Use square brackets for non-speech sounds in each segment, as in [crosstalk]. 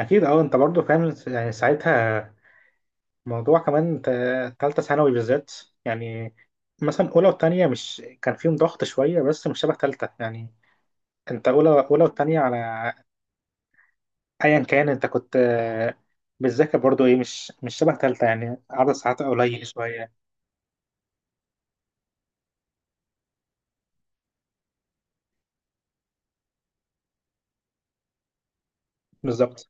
اكيد، اه انت برضو فاهم يعني ساعتها موضوع كمان تالتة ثانوي بالذات. يعني مثلا اولى وتانية مش كان فيهم ضغط شوية، بس مش شبه تالتة يعني. انت اولى وتانية على ايا كان، انت كنت بتذاكر برضو ايه، مش شبه تالتة يعني، عدد ساعات قليل شوية. بالظبط.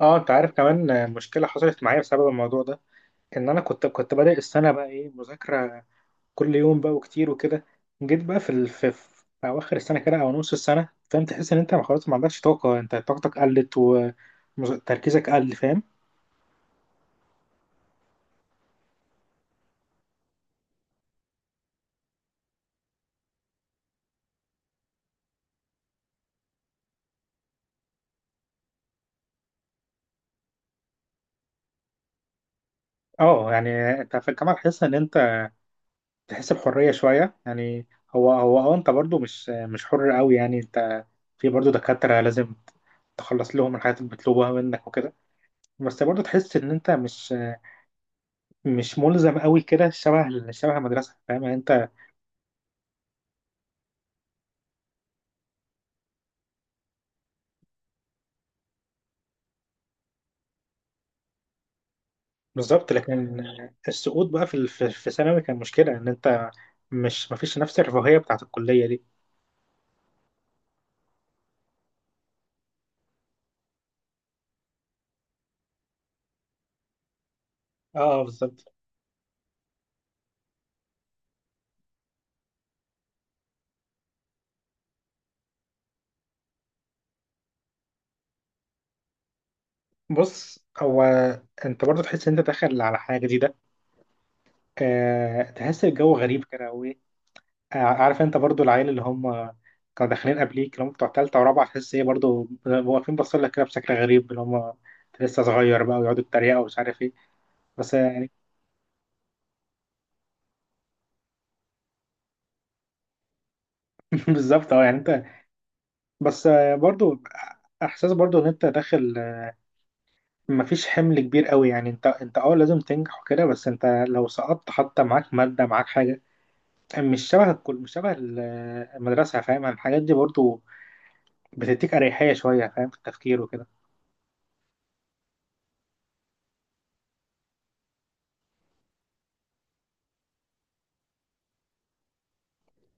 اه انت عارف كمان مشكلة حصلت معايا بسبب الموضوع ده، ان انا كنت بادئ السنة بقى ايه مذاكرة كل يوم بقى وكتير وكده. جيت بقى في اواخر السنه كده او نص السنه، فاهم؟ تحس ان انت خلاص ما عندكش طاقه، انت طاقتك قلت وتركيزك قل، فاهم. اه يعني انت في الجامعه تحس ان انت تحس بحريه شويه يعني. هو اه انت برضو مش حر قوي يعني، انت في برضو دكاتره لازم تخلص لهم الحاجات المطلوبه منك وكده. بس برضو تحس ان انت مش ملزم قوي كده شبه المدرسه، فاهم يعني انت. بالظبط، لكن السقوط بقى في ثانوي كان مشكلة، ان انت مش مفيش نفس الرفاهية بتاعت الكلية دي. اه بالظبط. بص، هو انت برضو تحس ان انت داخل على حاجة جديدة. تحس الجو غريب كده وايه. عارف انت برضو العيال اللي هم كانوا داخلين قبليك اللي هم بتوع تالتة ورابعة، تحس ايه برضو واقفين باصين لك كده بشكل غريب، اللي هم انت لسه صغير بقى، ويقعدوا يتريقوا ومش عارف ايه. بس يعني [laughs] بالظبط. اه يعني انت، بس برضو احساس برضو ان انت داخل مفيش حمل كبير قوي يعني، انت اه لازم تنجح وكده، بس انت لو سقطت حتى معاك مادة معاك حاجة مش شبه الكل، مش شبه المدرسة، فاهم. الحاجات دي برضو بتديك أريحية شوية فاهم، في التفكير وكده.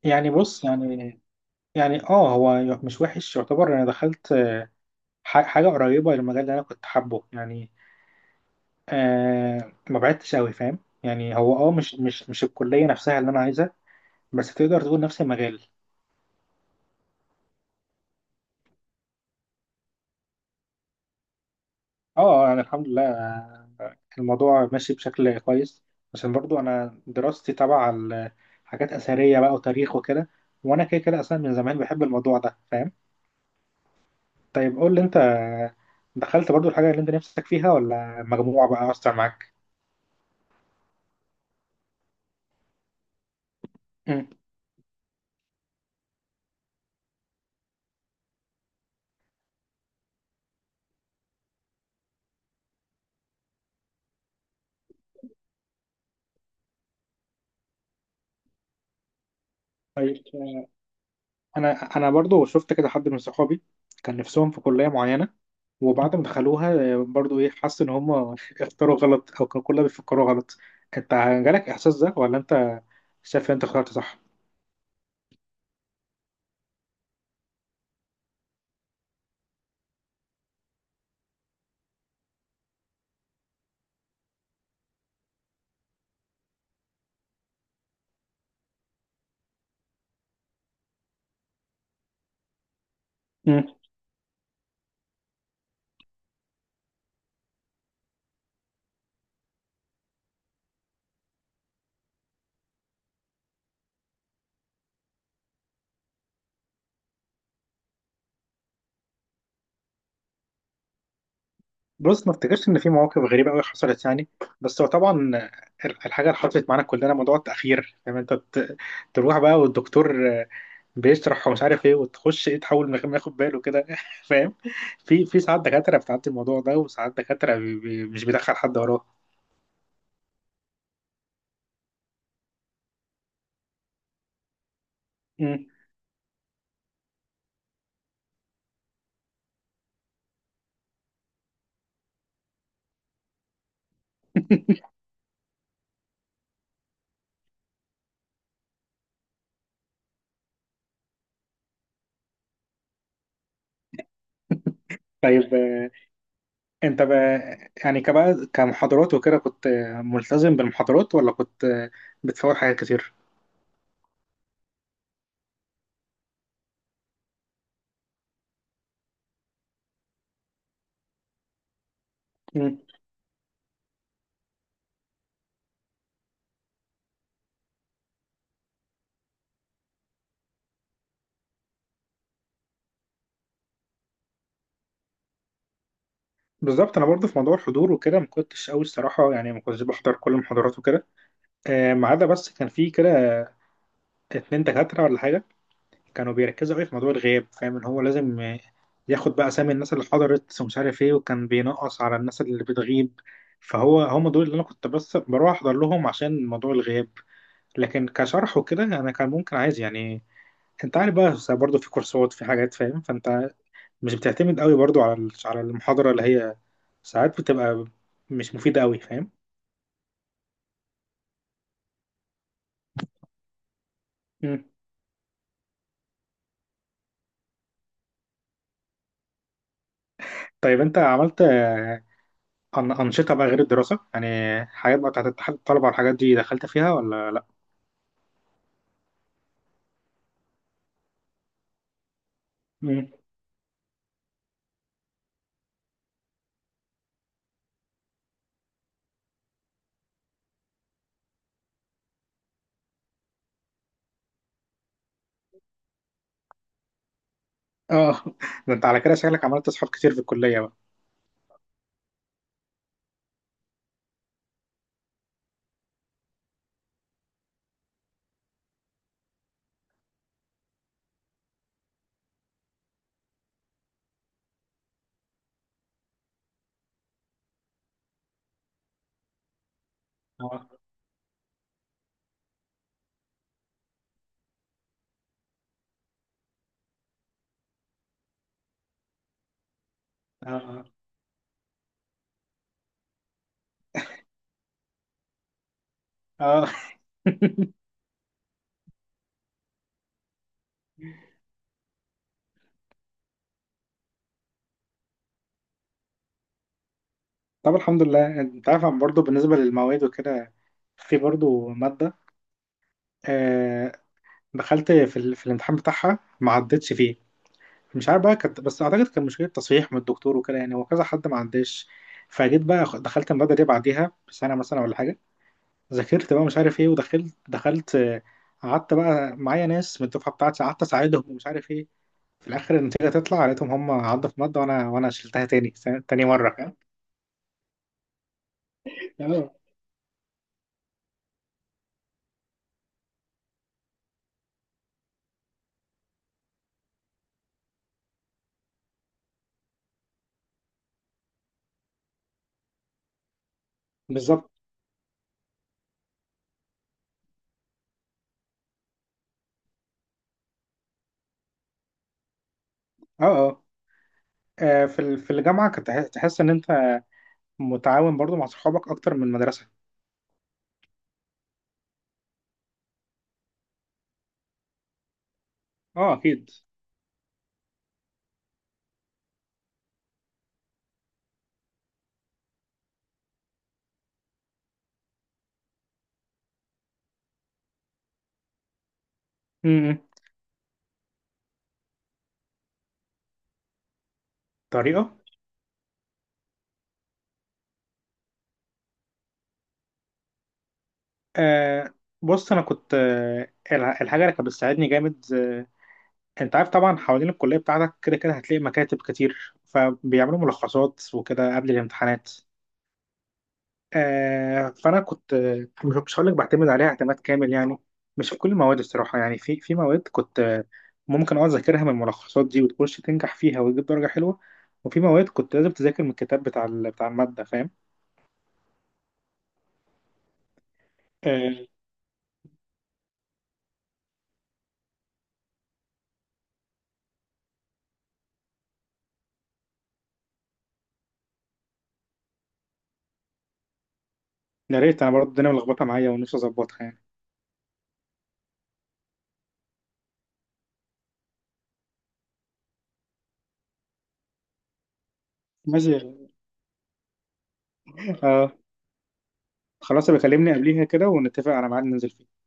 يعني بص يعني، يعني اه هو مش وحش يعتبر، انا دخلت حاجة قريبة للمجال اللي انا كنت حابه يعني. ما بعدتش قوي فاهم يعني، هو اه مش الكلية نفسها اللي انا عايزها، بس تقدر تقول نفس المجال. اه يعني الحمد لله، الموضوع ماشي بشكل كويس، عشان برضو انا دراستي تبع حاجات اثريه بقى وتاريخ وكده، وانا كده كده اصلا من زمان بحب الموضوع ده، فاهم. طيب قول لي انت، دخلت برضو الحاجه اللي انت نفسك فيها ولا مجموعه بقى اثر معاك؟ مم. طيب انا انا برضو شفت كده حد من صحابي كان نفسهم في كليه معينه، وبعد ما دخلوها برضو ايه، حس ان هم [laughs] اختاروا غلط، او كانوا كلها بيفكروا غلط. انت جالك احساس ده، ولا انت شايف ان انت اخترت صح؟ بص، ما افتكرش ان في مواقف غريبه قوي حصلت يعني، بس هو طبعا الحاجه اللي حصلت معانا كلنا موضوع التاخير، فاهم. انت تروح بقى والدكتور بيشرح ومش عارف ايه، وتخش ايه تحاول من غير ما ياخد باله كده [laughs] فاهم. في في ساعات دكاتره بتعدي الموضوع ده، وساعات دكاتره مش بيدخل حد وراه. مم. [laughs] طيب انت بقى يعني كبقى كمحاضرات وكده، كنت ملتزم بالمحاضرات، ولا كنت بتفوت حاجات كتير؟ بالظبط. انا برضه في موضوع الحضور وكده ما كنتش قوي الصراحه يعني، ما كنتش بحضر كل المحاضرات وكده. ما عدا بس كان في كده اتنين دكاتره ولا حاجه كانوا بيركزوا قوي في موضوع الغياب، فاهم ان هو لازم ياخد بقى اسامي الناس اللي حضرت ومش عارف ايه، وكان بينقص على الناس اللي بتغيب. فهو هم دول اللي انا كنت بس بروح احضر لهم عشان موضوع الغياب. لكن كشرح وكده انا كان ممكن عايز يعني، انت عارف بقى برضه في كورسات، في حاجات، فاهم. فانت مش بتعتمد قوي برضه على المحاضره، اللي هي ساعات بتبقى مش مفيده قوي، فاهم. مم. طيب انت عملت أنشطة بقى غير الدراسة يعني، حاجات بقى بتاعت اتحاد الطلبة والحاجات دي، دخلت فيها ولا لأ؟ مم. اه [laughs] ده انت على كده شكلك عملت أصحاب كتير في الكلية بقى. اه، اه، اه. [laughs] طب الحمد لله. انت عارف أنا برضه بالنسبة للمواد وكده، في برضه مادة آه دخلت في, الامتحان بتاعها ما عدتش فيه. مش عارف بقى كانت، بس أعتقد كان مشكلة تصحيح من الدكتور وكده يعني، وكذا حد ما عداش. فجيت بقى دخلت المادة دي بعديها بسنة مثلا ولا حاجة، ذاكرت بقى مش عارف ايه، ودخلت دخلت آه، قعدت بقى معايا ناس من الدفعه بتاعتي، قعدت اساعدهم ومش عارف ايه. في الاخر النتيجه تطلع لقيتهم هم عدوا في ماده، وانا شلتها تاني مره، فاهم. اه بالظبط. اه، اه. في في الجامعه كنت تحس ان انت متعاون برضو مع صحابك اكتر من المدرسه. اه اكيد. امم. طريقه، آه بص انا كنت الحاجه اللي كانت بتساعدني جامد، انت عارف طبعا حوالين الكلية بتاعتك كده كده هتلاقي مكاتب كتير فبيعملوا ملخصات وكده قبل الامتحانات. فانا كنت مش هقول لك بعتمد عليها اعتماد كامل يعني، مش في كل المواد الصراحة يعني. في في مواد كنت ممكن اه اذاكرها من الملخصات دي وتخش تنجح فيها وتجيب درجة حلوة، وفي مواد كنت لازم تذاكر من الكتاب بتاع بتاع المادة، فاهم. آه يا ريت، انا برضه الدنيا ملخبطة معايا ونفسي اظبطها يعني. ماشي. آه خلاص. بكلمني قبليها كده ونتفق على ميعاد ننزل فيه.